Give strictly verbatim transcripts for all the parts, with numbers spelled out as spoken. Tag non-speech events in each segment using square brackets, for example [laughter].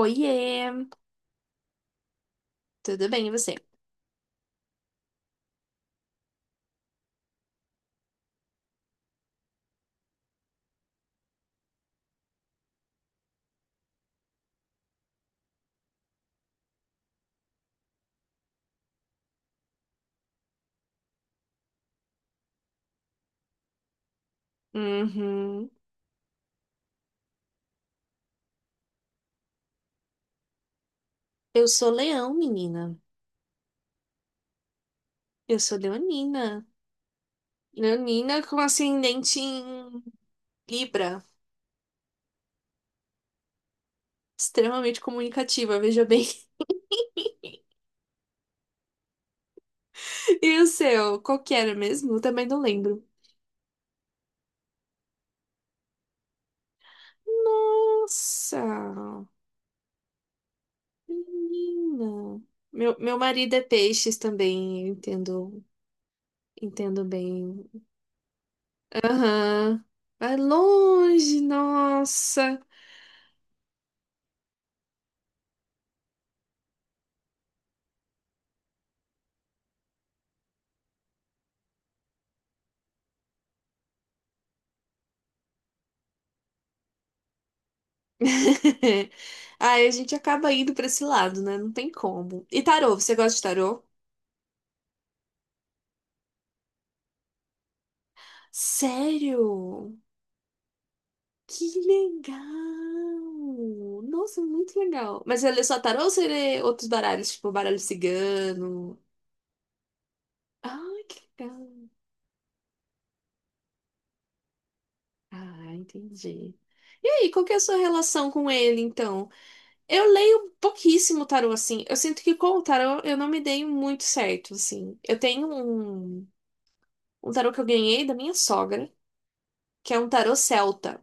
Oiê, tudo bem e você? Uhum. Eu sou leão, menina. Eu sou leonina. Leonina com ascendente em Libra. Extremamente comunicativa, veja bem. [laughs] E o seu? Qual que era mesmo? Eu também não lembro. Nossa, menina. Meu, meu marido é peixes também, eu entendo, entendo bem. Aham. Vai longe, nossa. [laughs] Aí a gente acaba indo pra esse lado, né? Não tem como. E tarô, você gosta de tarô? Sério? Que legal! Nossa, muito legal. Mas ele lê só tarô ou você lê outros baralhos, tipo baralho cigano? Ah, que legal. Ah, entendi. E aí, qual que é a sua relação com ele, então? Eu leio pouquíssimo tarô, assim. Eu sinto que com o tarô eu não me dei muito certo, assim. Eu tenho um, um tarô que eu ganhei da minha sogra, que é um tarô celta.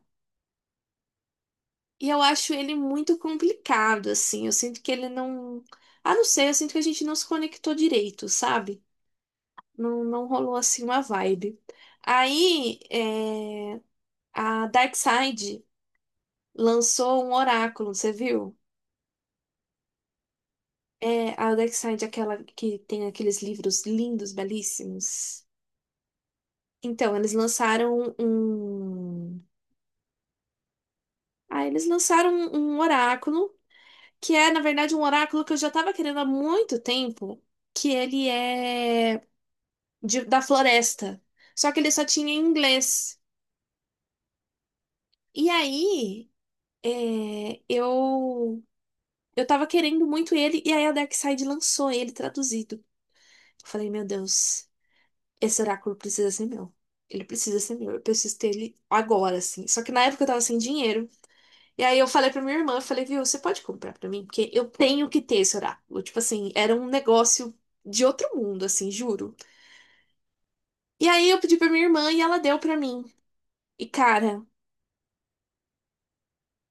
E eu acho ele muito complicado, assim. Eu sinto que ele não. Ah, não sei, eu sinto que a gente não se conectou direito, sabe? Não, não rolou assim uma vibe. Aí, é... a Darkside lançou um oráculo, você viu? É, a Darkside, aquela que tem aqueles livros lindos, belíssimos. Então, eles lançaram um. Um, ah, eles lançaram um um oráculo que é, na verdade, um oráculo que eu já estava querendo há muito tempo, que ele é de- da floresta. Só que ele só tinha em inglês. E aí, é, eu eu tava querendo muito ele, e aí a Darkseid lançou ele traduzido. Eu falei, meu Deus, esse oráculo precisa ser meu. Ele precisa ser meu, eu preciso ter ele agora, assim. Só que na época eu tava sem dinheiro. E aí eu falei pra minha irmã, eu falei, viu, você pode comprar pra mim? Porque eu tenho que ter esse oráculo. Tipo assim, era um negócio de outro mundo, assim, juro. E aí eu pedi pra minha irmã e ela deu pra mim. E cara,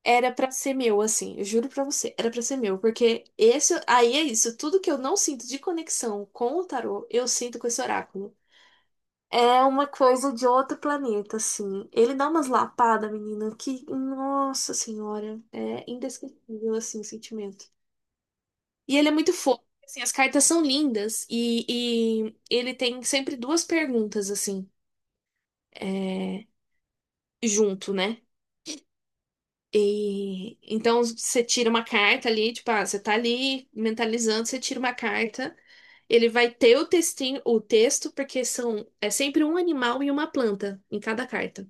era pra ser meu, assim, eu juro pra você, era pra ser meu, porque esse, aí é isso, tudo que eu não sinto de conexão com o tarô, eu sinto com esse oráculo. É uma coisa de outro planeta, assim. Ele dá umas lapadas, menina, que, nossa senhora, é indescritível, assim, o sentimento. E ele é muito fofo. Assim, as cartas são lindas e, e ele tem sempre duas perguntas assim, é, junto, né? E então você tira uma carta ali, tipo, ah, você tá ali mentalizando, você tira uma carta, ele vai ter o textinho, o texto, porque são é sempre um animal e uma planta em cada carta.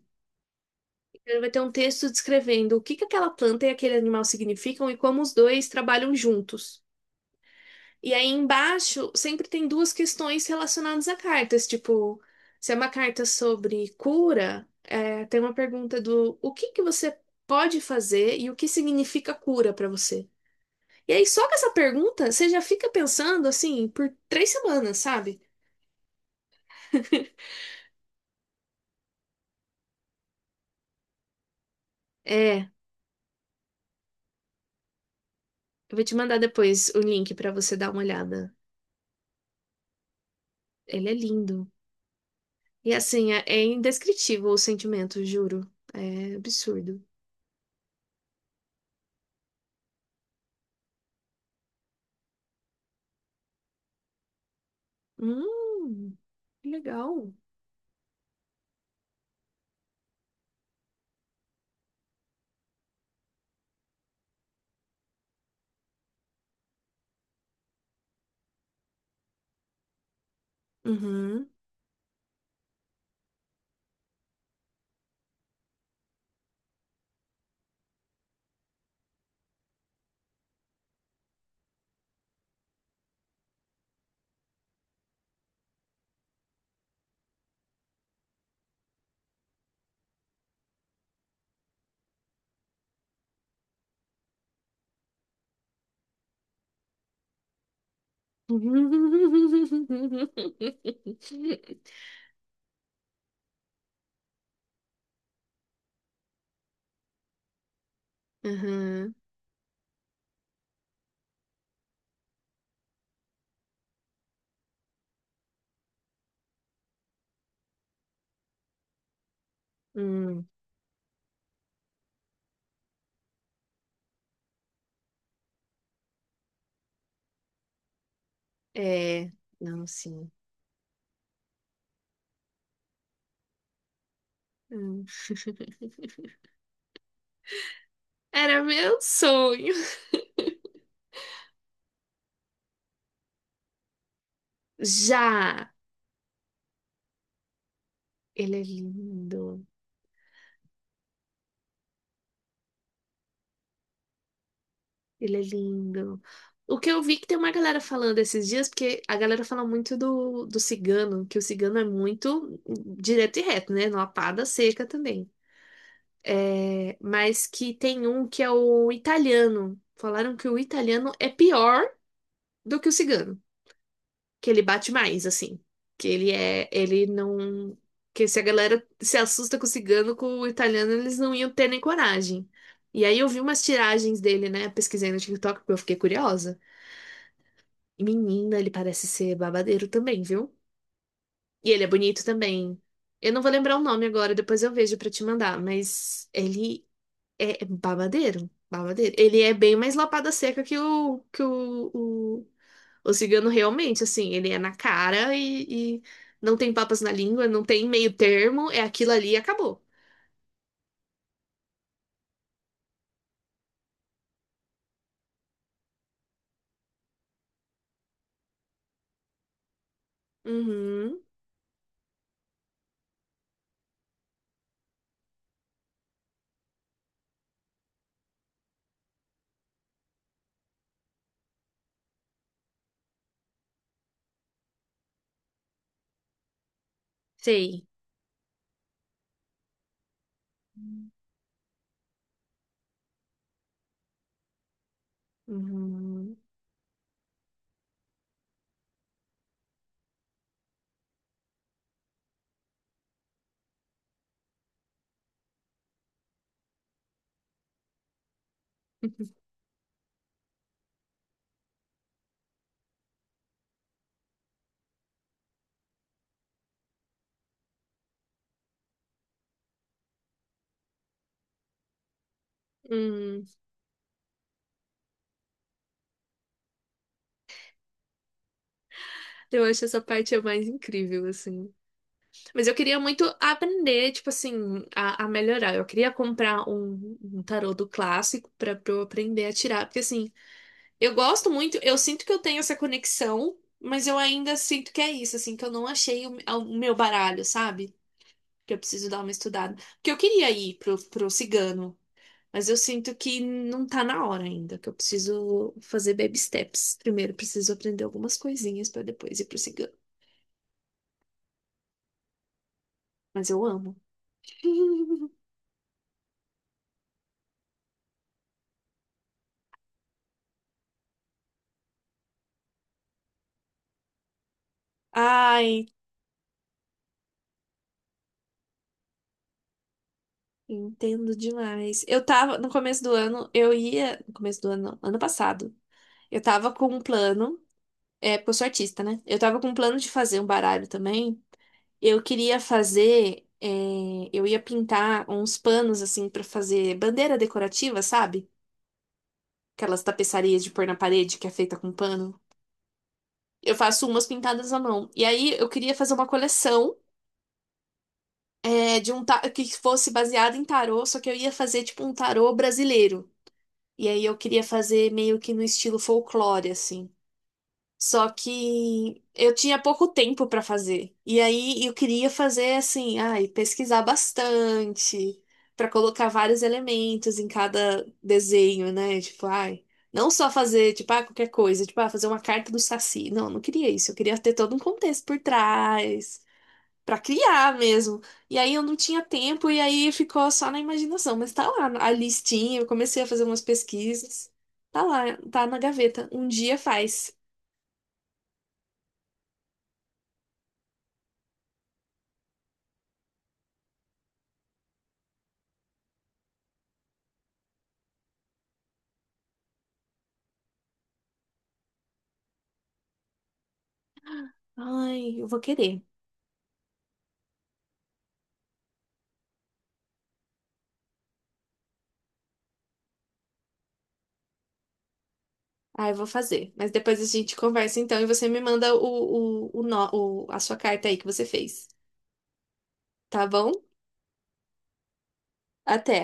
Então, ele vai ter um texto descrevendo o que que aquela planta e aquele animal significam e como os dois trabalham juntos. E aí embaixo sempre tem duas questões relacionadas a cartas, tipo, se é uma carta sobre cura, é, tem uma pergunta do o que que você pode fazer e o que significa cura pra você. E aí só com essa pergunta você já fica pensando assim por três semanas, sabe? [laughs] É, eu vou te mandar depois o link pra você dar uma olhada. Ele é lindo. E assim, é, é indescritível o sentimento, juro. É absurdo. Hum, que legal. Uhum. Aham. Hum. É. Não, sim. Hum. [laughs] Era meu sonho. Já. Ele é lindo. Ele é lindo. O que eu vi que tem uma galera falando esses dias, porque a galera fala muito do, do cigano, que o cigano é muito direto e reto, né? Numa pá seca também. É, mas que tem um que é o italiano. Falaram que o italiano é pior do que o cigano, que ele bate mais, assim. Que ele é. Ele não. Que se a galera se assusta com o cigano, com o italiano, eles não iam ter nem coragem. E aí eu vi umas tiragens dele, né? Pesquisei no TikTok, porque eu fiquei curiosa. E, menina, ele parece ser babadeiro também, viu? E ele é bonito também. Eu não vou lembrar o nome agora, depois eu vejo pra te mandar, mas ele é é babadeiro, babadeiro. Ele é bem mais lapada seca que o que o, o, o cigano realmente, assim, ele é na cara e, e não tem papas na língua, não tem meio termo, é aquilo ali e acabou. Uhum, sei. Uhum. [laughs] Hum, eu acho essa parte a mais incrível, assim. Mas eu queria muito aprender, tipo assim, a, a melhorar. Eu queria comprar um, um tarô do clássico pra pra eu aprender a tirar, porque assim, eu gosto muito, eu sinto que eu tenho essa conexão, mas eu ainda sinto que é isso, assim, que eu não achei o, o meu baralho, sabe? Que eu preciso dar uma estudada. Porque eu queria ir pro, pro cigano, mas eu sinto que não tá na hora ainda, que eu preciso fazer baby steps. Primeiro, preciso aprender algumas coisinhas pra depois ir pro cigano. Mas eu amo. [laughs] Ai, entendo demais. Eu tava, no começo do ano, eu ia. No começo do ano, não, ano passado. Eu tava com um plano. É, porque eu sou artista, né? Eu tava com um plano de fazer um baralho também. Eu queria fazer. é, eu ia pintar uns panos, assim, pra fazer bandeira decorativa, sabe? Aquelas tapeçarias de pôr na parede que é feita com pano. Eu faço umas pintadas à mão. E aí eu queria fazer uma coleção, é, de um ta- que fosse baseada em tarô, só que eu ia fazer tipo um tarô brasileiro. E aí eu queria fazer meio que no estilo folclore, assim. Só que eu tinha pouco tempo para fazer. E aí eu queria fazer assim, ai, pesquisar bastante, para colocar vários elementos em cada desenho, né? Tipo, ai, não só fazer, tipo, ah, qualquer coisa, tipo, ah, fazer uma carta do Saci. Não, eu não queria isso. Eu queria ter todo um contexto por trás, para criar mesmo. E aí eu não tinha tempo e aí ficou só na imaginação, mas tá lá a listinha, eu comecei a fazer umas pesquisas. Tá lá, tá na gaveta. Um dia faz. Ai, eu vou querer. Ah, eu vou fazer. Mas depois a gente conversa então e você me manda o, o, o, nó- o- a sua carta aí que você fez. Tá bom? Até.